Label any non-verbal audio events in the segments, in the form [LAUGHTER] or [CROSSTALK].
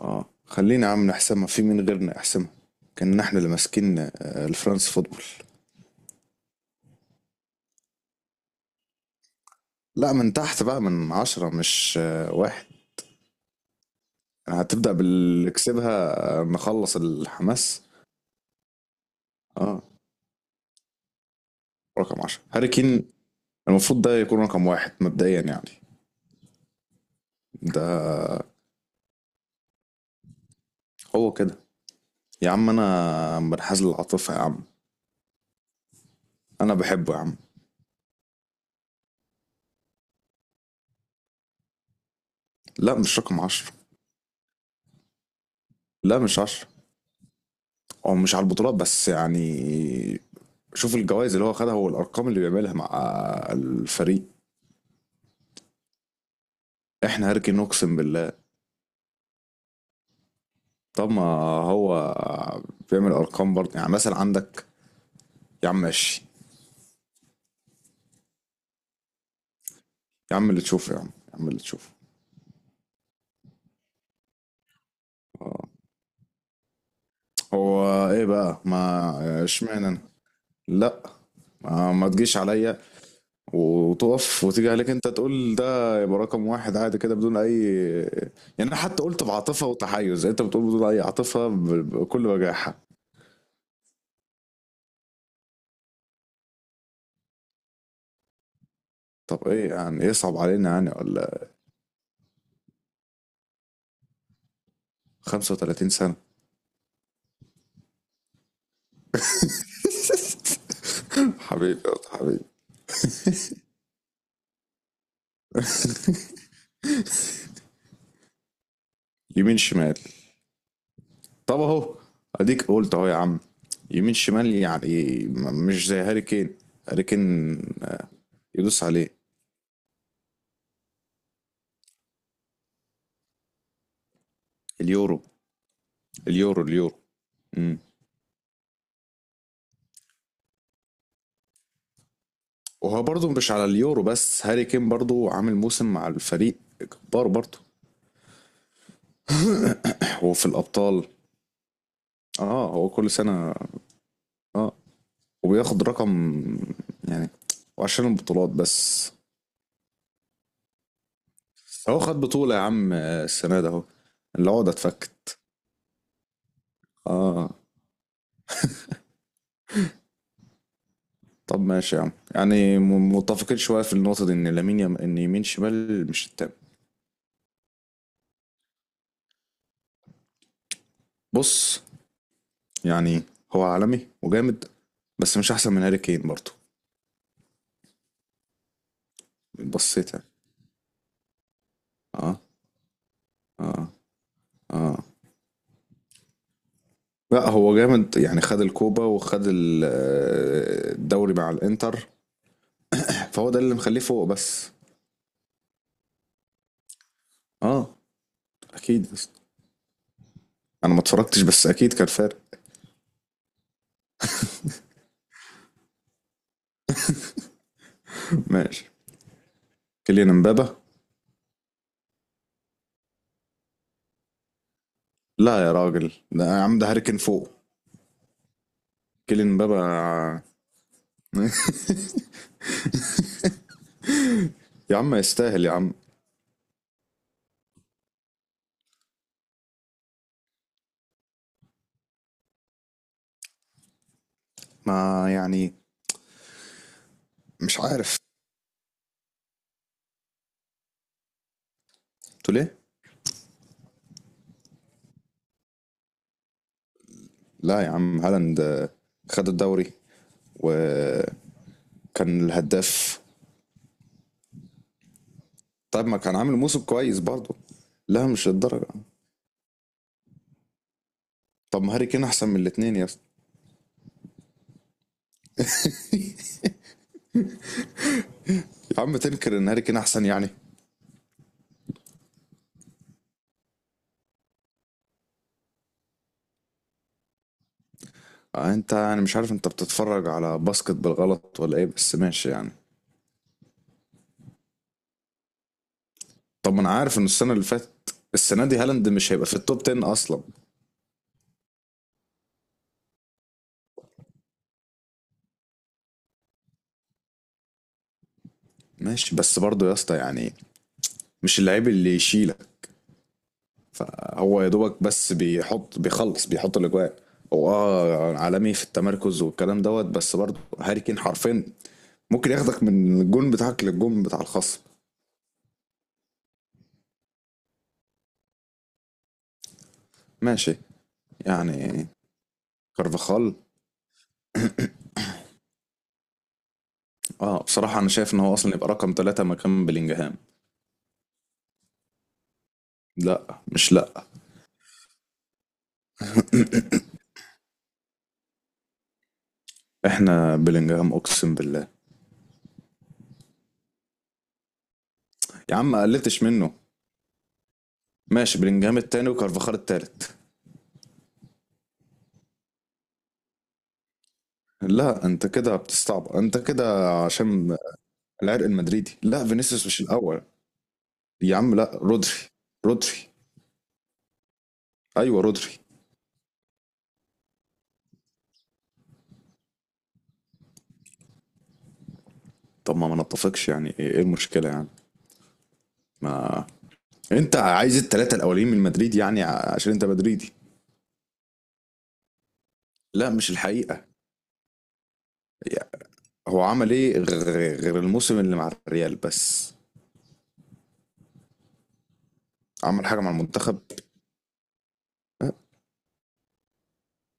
اه، خلينا يا عم نحسمها. في مين غيرنا يحسمها؟ كنا احنا اللي ماسكين الفرنس فوتبول. لا، من تحت بقى، من عشرة مش واحد. يعني هتبدأ باللي كسبها نخلص الحماس. اه، رقم عشرة هاري كين، المفروض ده يكون رقم واحد مبدئيا يعني. ده هو كده. يا عم انا منحاز للعاطفة يا عم، انا بحبه يا عم. لا مش رقم عشرة. لا مش عشرة، هو مش على البطولات بس يعني. شوف الجوائز اللي هو خدها والارقام اللي بيعملها مع الفريق. احنا هركن اقسم بالله. طب ما هو بيعمل ارقام برضه. يعني مثلا عندك، يا عم ماشي، يا عم اللي تشوفه يا عم، يا عم اللي تشوفه. آه. هو ايه بقى؟ ما اشمعنى انا؟ لا، ما تجيش عليا وتقف وتيجي عليك انت تقول ده يبقى رقم واحد عادي كده بدون اي. يعني انا حتى قلت بعاطفه وتحيز، انت بتقول بدون اي عاطفه بكل وجاحه. طب ايه يعني، يصعب علينا يعني ولا؟ 35 سنه. [LAUGHS] حبيبي يا حبيبي. يمين شمال. طب اهو، اديك قلت اهو يا عم. يمين شمال، يعني مش زي هاري كين. هاري كين يدوس عليه. اليورو، اليورو، اليورو. امم وهو برضه مش على اليورو بس، هاري كين برضه عامل موسم مع الفريق جبار برضه. هو في الابطال. اه، هو كل سنه. اه، وبياخد رقم يعني. وعشان البطولات بس؟ هو خد بطوله يا عم السنه ده اهو. العقده اتفكت. اه. طب ماشي يا عم، يعني متفقين شويه في النقطه دي، ان ان يمين شمال مش التام. بص، يعني هو عالمي وجامد، بس مش احسن من هاري كين برضه. بصيت يعني. اه، اه، اه. لا هو جامد، يعني خد الكوبا وخد الدوري مع الانتر. فهو ده اللي مخليه فوق بس. اه، اكيد يا اسطى. انا ما اتفرجتش بس اكيد كان فارق. ماشي. كيليان امبابا. لا يا راجل، ده يا عم ده هاري كين فوق. كيليان امبابا. [LAUGHS] يا عم يستاهل يا عم. ما يعني، مش عارف. قلت ليه؟ لا يا عم، هالاند خد الدوري وكان الهداف. طب ما كان عامل موسم كويس برضه. لا مش للدرجة. طب ما هاري كين احسن من الاتنين يا اسطى. يا عم تنكر ان هاري كين احسن يعني؟ انت، انا مش عارف انت بتتفرج على باسكت بالغلط ولا ايه، بس ماشي يعني. طب ما انا عارف ان السنة اللي فاتت، السنة دي هالاند مش هيبقى في التوب 10 اصلا. ماشي بس برضه يا اسطى يعني، مش اللعيب اللي يشيلك. فهو يا دوبك بس بيحط، بيخلص، بيحط الاجواء. هو اه عالمي في التمركز والكلام دوت، بس برضه هاري كين حرفين. ممكن ياخدك من الجون بتاعك للجون بتاع الخصم. ماشي يعني. كارفاخال، اه بصراحة أنا شايف إن هو أصلا يبقى رقم ثلاثة مكان بلينجهام. لا مش لا. إحنا بلينجهام أقسم بالله. يا عم ما قلتش منه. ماشي، بلينجهام التاني وكارفاخال التالت. لا أنت كده بتستعبط، أنت كده عشان العرق المدريدي. لا فينيسيوس مش الأول. يا عم لا، رودري، رودري. ايوه رودري. طب ما ما نتفقش يعني، ايه إيه المشكله يعني؟ ما انت عايز الثلاثه الاولين من مدريد، يعني عشان انت مدريدي. لا مش الحقيقه. يعني هو عمل ايه غير الموسم اللي مع الريال بس؟ عمل حاجه مع المنتخب؟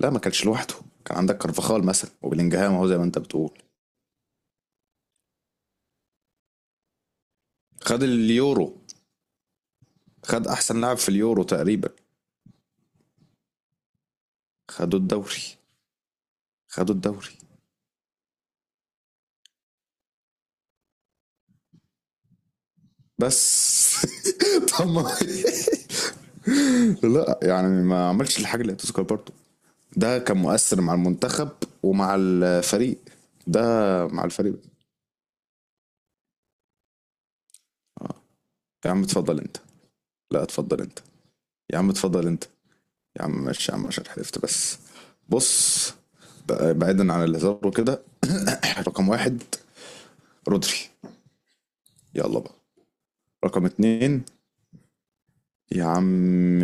لا ما كانش لوحده، كان عندك كارفاخال مثلا وبلينجهام اهو، زي ما انت بتقول. خد اليورو، خد احسن لاعب في اليورو تقريبا. خدوا الدوري، خدوا الدوري بس. [LAUGHS] طب [LAUGHS] لا يعني ما عملش الحاجة اللي هتذكر برضه. ده كان مؤثر مع المنتخب ومع الفريق. ده مع الفريق. اه. يا عم اتفضل انت. لا اتفضل انت. يا عم اتفضل انت. يا عم ماشي يا عم، عشان حلفت بس. بص، بعيدا عن الهزار وكده. [CLEARS THROAT] رقم واحد رودري، يلا بقى. رقم اتنين يا عم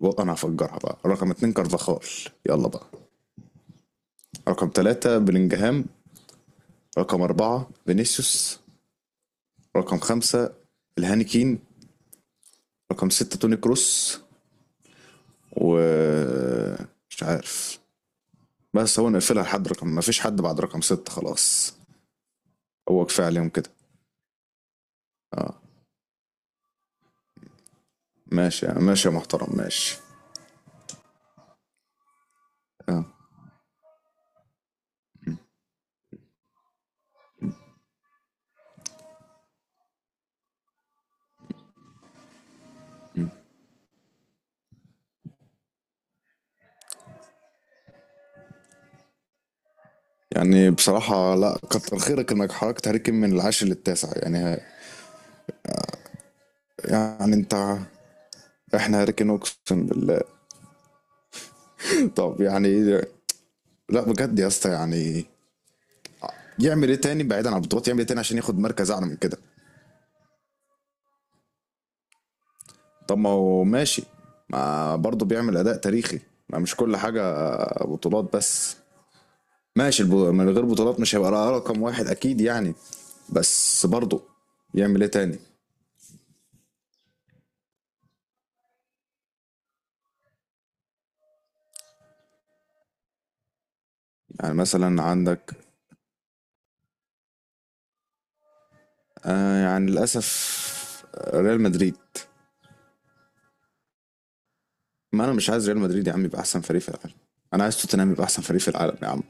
انا هفجرها بقى، رقم اتنين كارفاخال. يلا بقى. رقم ثلاثة بلينجهام. رقم أربعة فينيسيوس. رقم خمسة الهانيكين. رقم ستة توني كروس. و مش عارف، بس هو نقفلها لحد رقم، ما فيش حد بعد رقم ستة خلاص. هو كفاية عليهم كده. اه، ماشي ماشي يا محترم ماشي. اه، يعني بصراحة لا كتر خيرك انك حركت هاري كين من العاشر للتاسع يعني يعني انت. احنا هاري كين اقسم بالله. [LAUGHS] طب يعني، لا بجد يا اسطى يعني، يعمل ايه تاني بعيدا عن البطولات؟ يعمل ايه تاني عشان ياخد مركز اعلى من كده؟ طب ما هو ماشي، ما برضه بيعمل اداء تاريخي. ما مش كل حاجه بطولات بس. ماشي، من غير بطولات مش هيبقى رقم واحد اكيد يعني، بس برضه يعمل ايه تاني؟ يعني مثلا عندك، آه يعني للاسف ريال مدريد. ما انا مش عايز ريال مدريد يا عم يبقى احسن فريق في العالم. انا عايز توتنهام يبقى احسن فريق في العالم يا عم.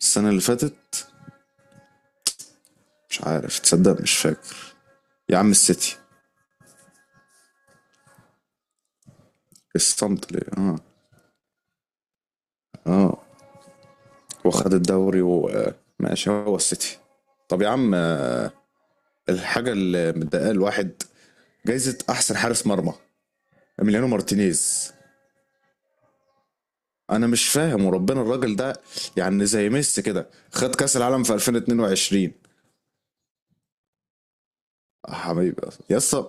السنه اللي فاتت، مش عارف تصدق، مش فاكر. يا عم السيتي. الصمت ليه؟ اه اه. وخد الدوري وماشي، هو السيتي. طب يا عم، الحاجه اللي مضايقه الواحد، جايزه احسن حارس مرمى اميليانو مارتينيز. انا مش فاهم وربنا الراجل ده. يعني زي ميسي كده، خد كاس العالم في 2022. آه حبيبي. يا اسطى،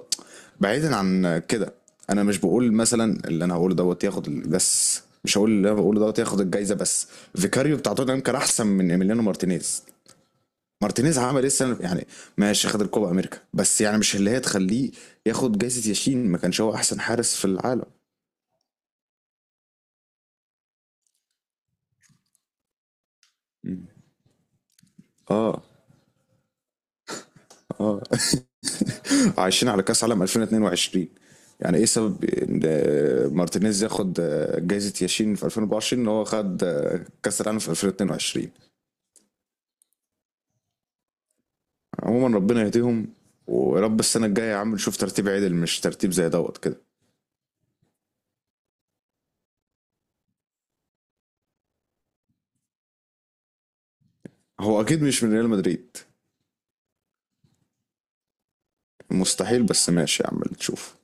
بعيدا عن كده، انا مش بقول مثلا اللي انا هقوله دوت ياخد بس، مش هقول اللي انا بقوله دوت ياخد الجايزه بس. فيكاريو بتاع توتنهام كان احسن من ايميليانو مارتينيز. مارتينيز عمل ايه السنه يعني؟ ماشي خد الكوبا امريكا، بس يعني مش اللي هي تخليه ياخد جائزه ياشين. ما كانش هو احسن حارس في العالم. مم. اه اه. [LAUGHS] عايشين على كاس عالم 2022. يعني ايه سبب ان مارتينيز ياخد جائزه ياشين في 2024، ان هو خد كاس العالم في 2022؟ عموما ربنا يهديهم، ويا رب السنه الجايه يا عم نشوف ترتيب عدل مش ترتيب زي دوت كده. هو اكيد مش من ريال مدريد. مستحيل، بس ماشي يا عم نشوف.